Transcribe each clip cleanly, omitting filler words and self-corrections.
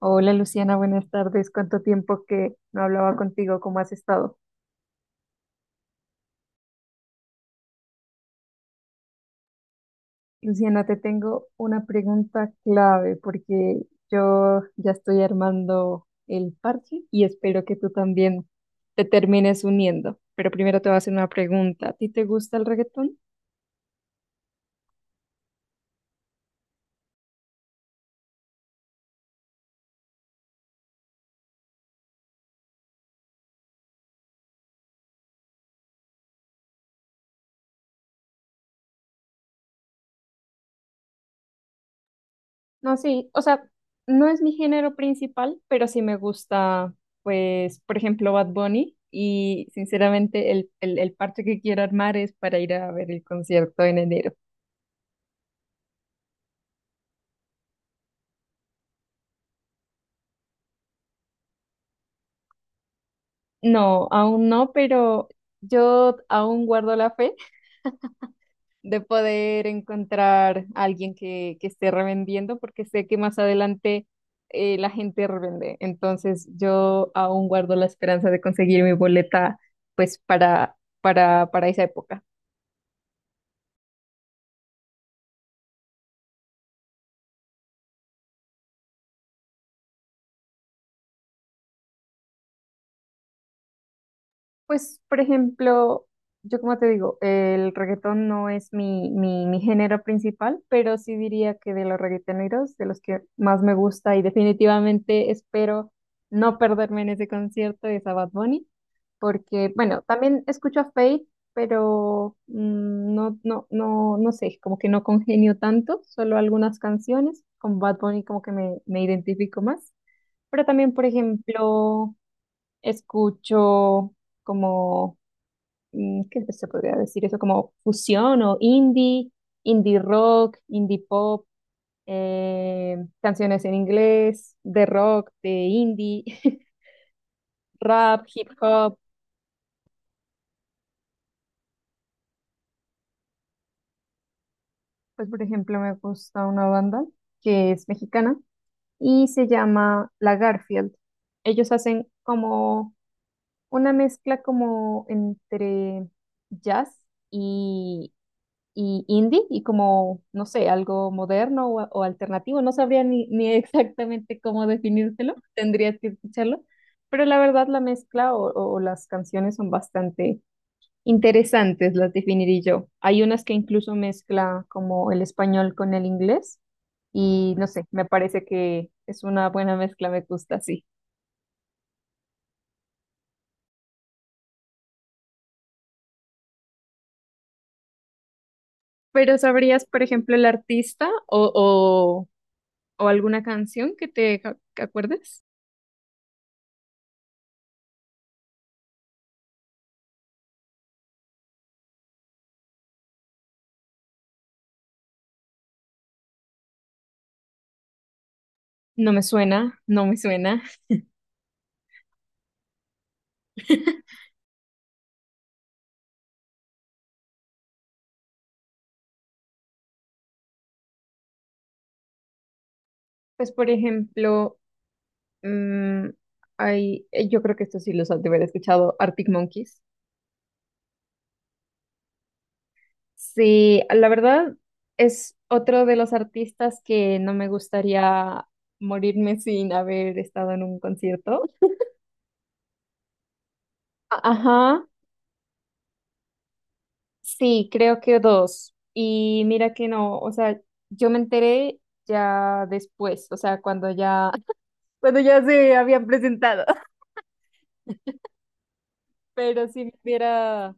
Hola Luciana, buenas tardes. ¿Cuánto tiempo que no hablaba contigo? ¿Cómo has estado? Luciana, te tengo una pregunta clave porque yo ya estoy armando el parche y espero que tú también te termines uniendo. Pero primero te voy a hacer una pregunta. ¿A ti te gusta el reggaetón? No, sí, o sea, no es mi género principal, pero sí me gusta, pues, por ejemplo, Bad Bunny. Y sinceramente, el parche que quiero armar es para ir a ver el concierto en enero. No, aún no, pero yo aún guardo la fe de poder encontrar a alguien que esté revendiendo, porque sé que más adelante la gente revende. Entonces, yo aún guardo la esperanza de conseguir mi boleta, pues, para esa época. Pues, por ejemplo, yo como te digo, el reggaetón no es mi género principal, pero sí diría que de los reggaetoneros, de los que más me gusta y definitivamente espero no perderme en ese concierto es a Bad Bunny, porque, bueno, también escucho a Faith, pero no sé, como que no congenio tanto, solo algunas canciones. Con Bad Bunny como que me identifico más, pero también, por ejemplo, escucho como ¿qué se podría decir eso? Como fusión o indie, indie rock, indie pop, canciones en inglés, de rock, de indie, rap, hip hop. Pues por ejemplo me gusta una banda que es mexicana y se llama La Garfield. Ellos hacen como una mezcla como entre jazz y y indie y como, no sé, algo moderno o alternativo. No sabría ni exactamente cómo definírtelo, tendrías que escucharlo, pero la verdad la mezcla o las canciones son bastante interesantes, las definiría yo. Hay unas que incluso mezcla como el español con el inglés y no sé, me parece que es una buena mezcla, me gusta así. Pero ¿sabrías, por ejemplo, el artista o alguna canción que acuerdes? No me suena, no me suena. Pues, por ejemplo, mm, hay, yo creo que esto sí los has de haber escuchado, Arctic Monkeys. Sí, la verdad es otro de los artistas que no me gustaría morirme sin haber estado en un concierto. Ajá, sí, creo que dos. Y mira que no, o sea, yo me enteré ya después, o sea, cuando ya, cuando ya se habían presentado, pero si me hubiera,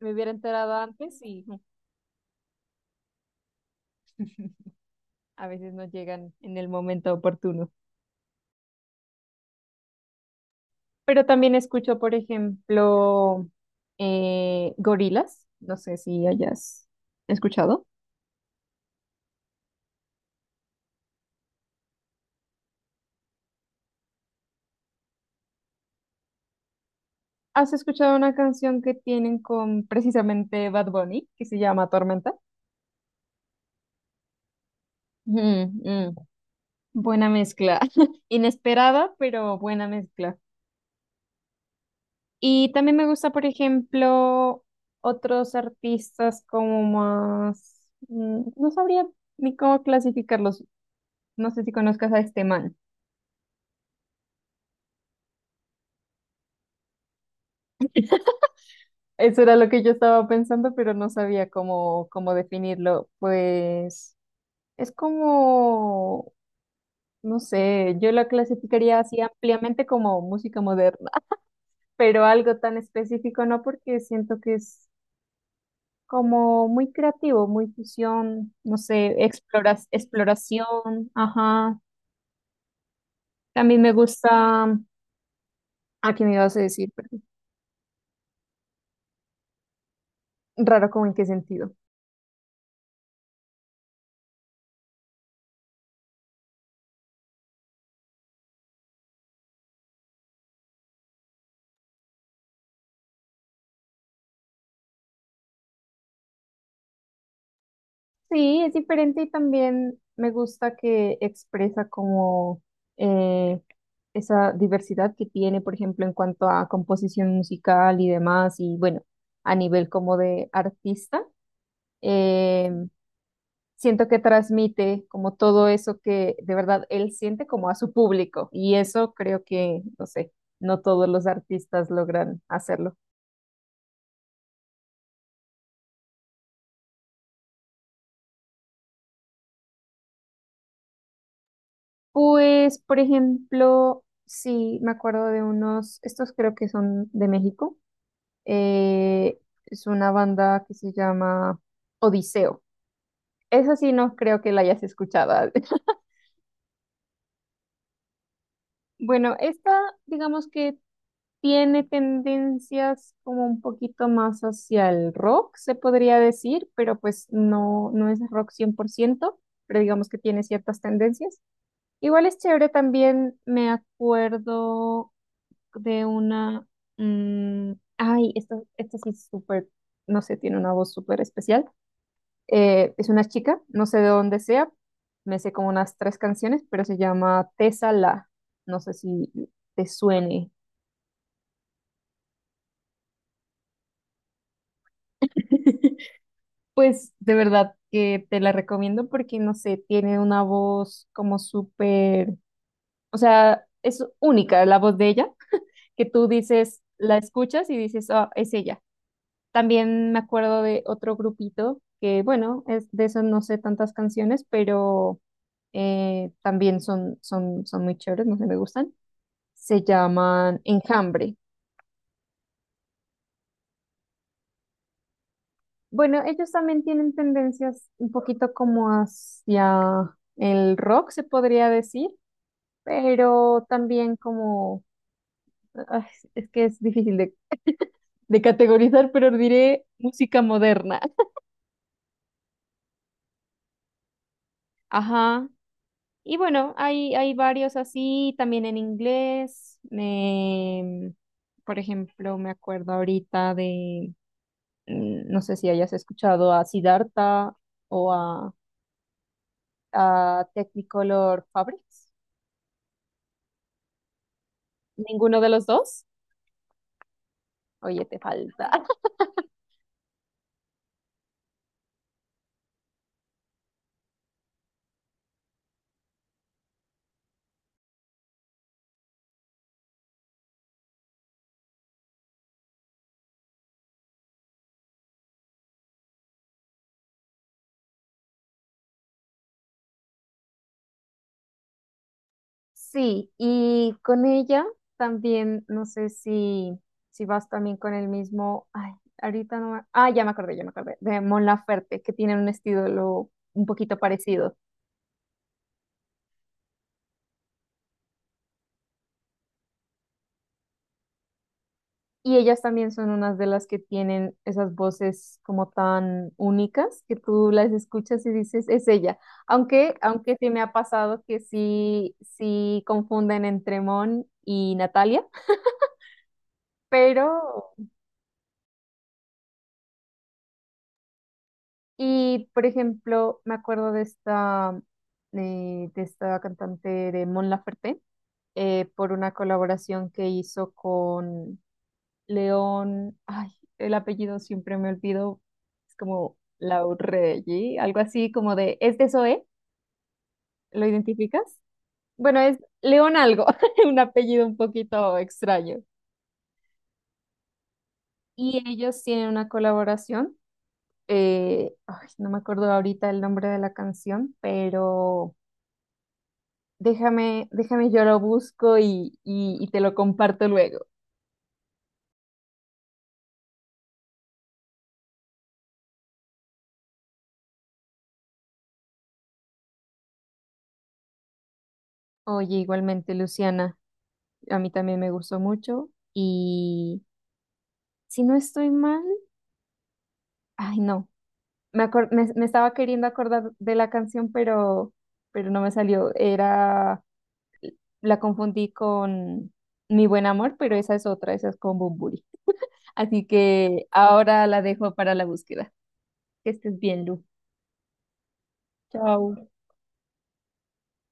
me hubiera enterado antes, sí. A veces no llegan en el momento oportuno. Pero también escucho, por ejemplo, Gorilas. No sé si hayas escuchado. ¿Has escuchado una canción que tienen con precisamente Bad Bunny, que se llama Tormenta? Mm, mm. Buena mezcla. Inesperada, pero buena mezcla. Y también me gusta, por ejemplo, otros artistas como más... No sabría ni cómo clasificarlos. No sé si conozcas a este man. Eso era lo que yo estaba pensando, pero no sabía cómo definirlo. Pues es como, no sé, yo la clasificaría así ampliamente como música moderna, pero algo tan específico no, porque siento que es como muy creativo, muy fusión, no sé, exploración, ajá. También me gusta, ¿a qué me ibas a decir? Perdón. Raro, ¿como en qué sentido? Sí, es diferente y también me gusta que expresa como eh, esa diversidad que tiene, por ejemplo, en cuanto a composición musical y demás, y bueno, a nivel como de artista, eh, siento que transmite como todo eso que de verdad él siente como a su público, y eso creo que, no sé, no todos los artistas logran hacerlo. Pues, por ejemplo, sí, me acuerdo de unos, estos creo que son de México. Eh, es una banda que se llama Odiseo. Esa sí no creo que la hayas escuchado. Bueno, esta digamos que tiene tendencias como un poquito más hacia el rock, se podría decir, pero pues no, no es rock cien por ciento, pero digamos que tiene ciertas tendencias. Igual es chévere también, me acuerdo de una... mm, ay, esta sí es súper, no sé, tiene una voz súper especial. Es una chica, no sé de dónde sea, me sé como unas tres canciones, pero se llama Tessa La. No sé si te suene. Pues de verdad que te la recomiendo porque, no sé, tiene una voz como súper, o sea, es única la voz de ella, que tú dices, la escuchas y dices, ah, es ella. También me acuerdo de otro grupito que, bueno, es, de eso no sé tantas canciones, pero también son muy chéveres, no sé, me gustan. Se llaman enjambre. Bueno, ellos también tienen tendencias un poquito como hacia el rock, se podría decir, pero también como, ay, es que es difícil de, de categorizar, pero diré música moderna. Ajá. Y bueno, hay varios así, también en inglés. Por ejemplo, me acuerdo ahorita de, no sé si hayas escuchado a Siddhartha o a Technicolor Fabrics. ¿Ninguno de los dos? Oye, te falta. Sí, y con ella también, no sé si vas también con el mismo, ay, ahorita no me, ah, ya me acordé, de Mon Laferte, que tienen un estilo un poquito parecido. Y ellas también son unas de las que tienen esas voces como tan únicas que tú las escuchas y dices, es ella. Aunque sí me ha pasado que sí confunden entre Mon y Natalia, pero, y por ejemplo, me acuerdo de esta cantante de Mon Laferte, por una colaboración que hizo con León, ay, el apellido siempre me olvido, es como Laurelli, algo así como de, ¿es de Zoe? ¿Lo identificas? Bueno, es León algo, un apellido un poquito extraño. Y ellos tienen una colaboración, ay, no me acuerdo ahorita el nombre de la canción, pero déjame, yo lo busco y te lo comparto luego. Oye, igualmente, Luciana, a mí también me gustó mucho y... Si no estoy mal, ay, no. Me estaba queriendo acordar de la canción, pero no me salió. Era, la confundí con Mi Buen Amor, pero esa es otra, esa es con Bunbury. Así que ahora la dejo para la búsqueda. Que estés bien, Lu. Chao.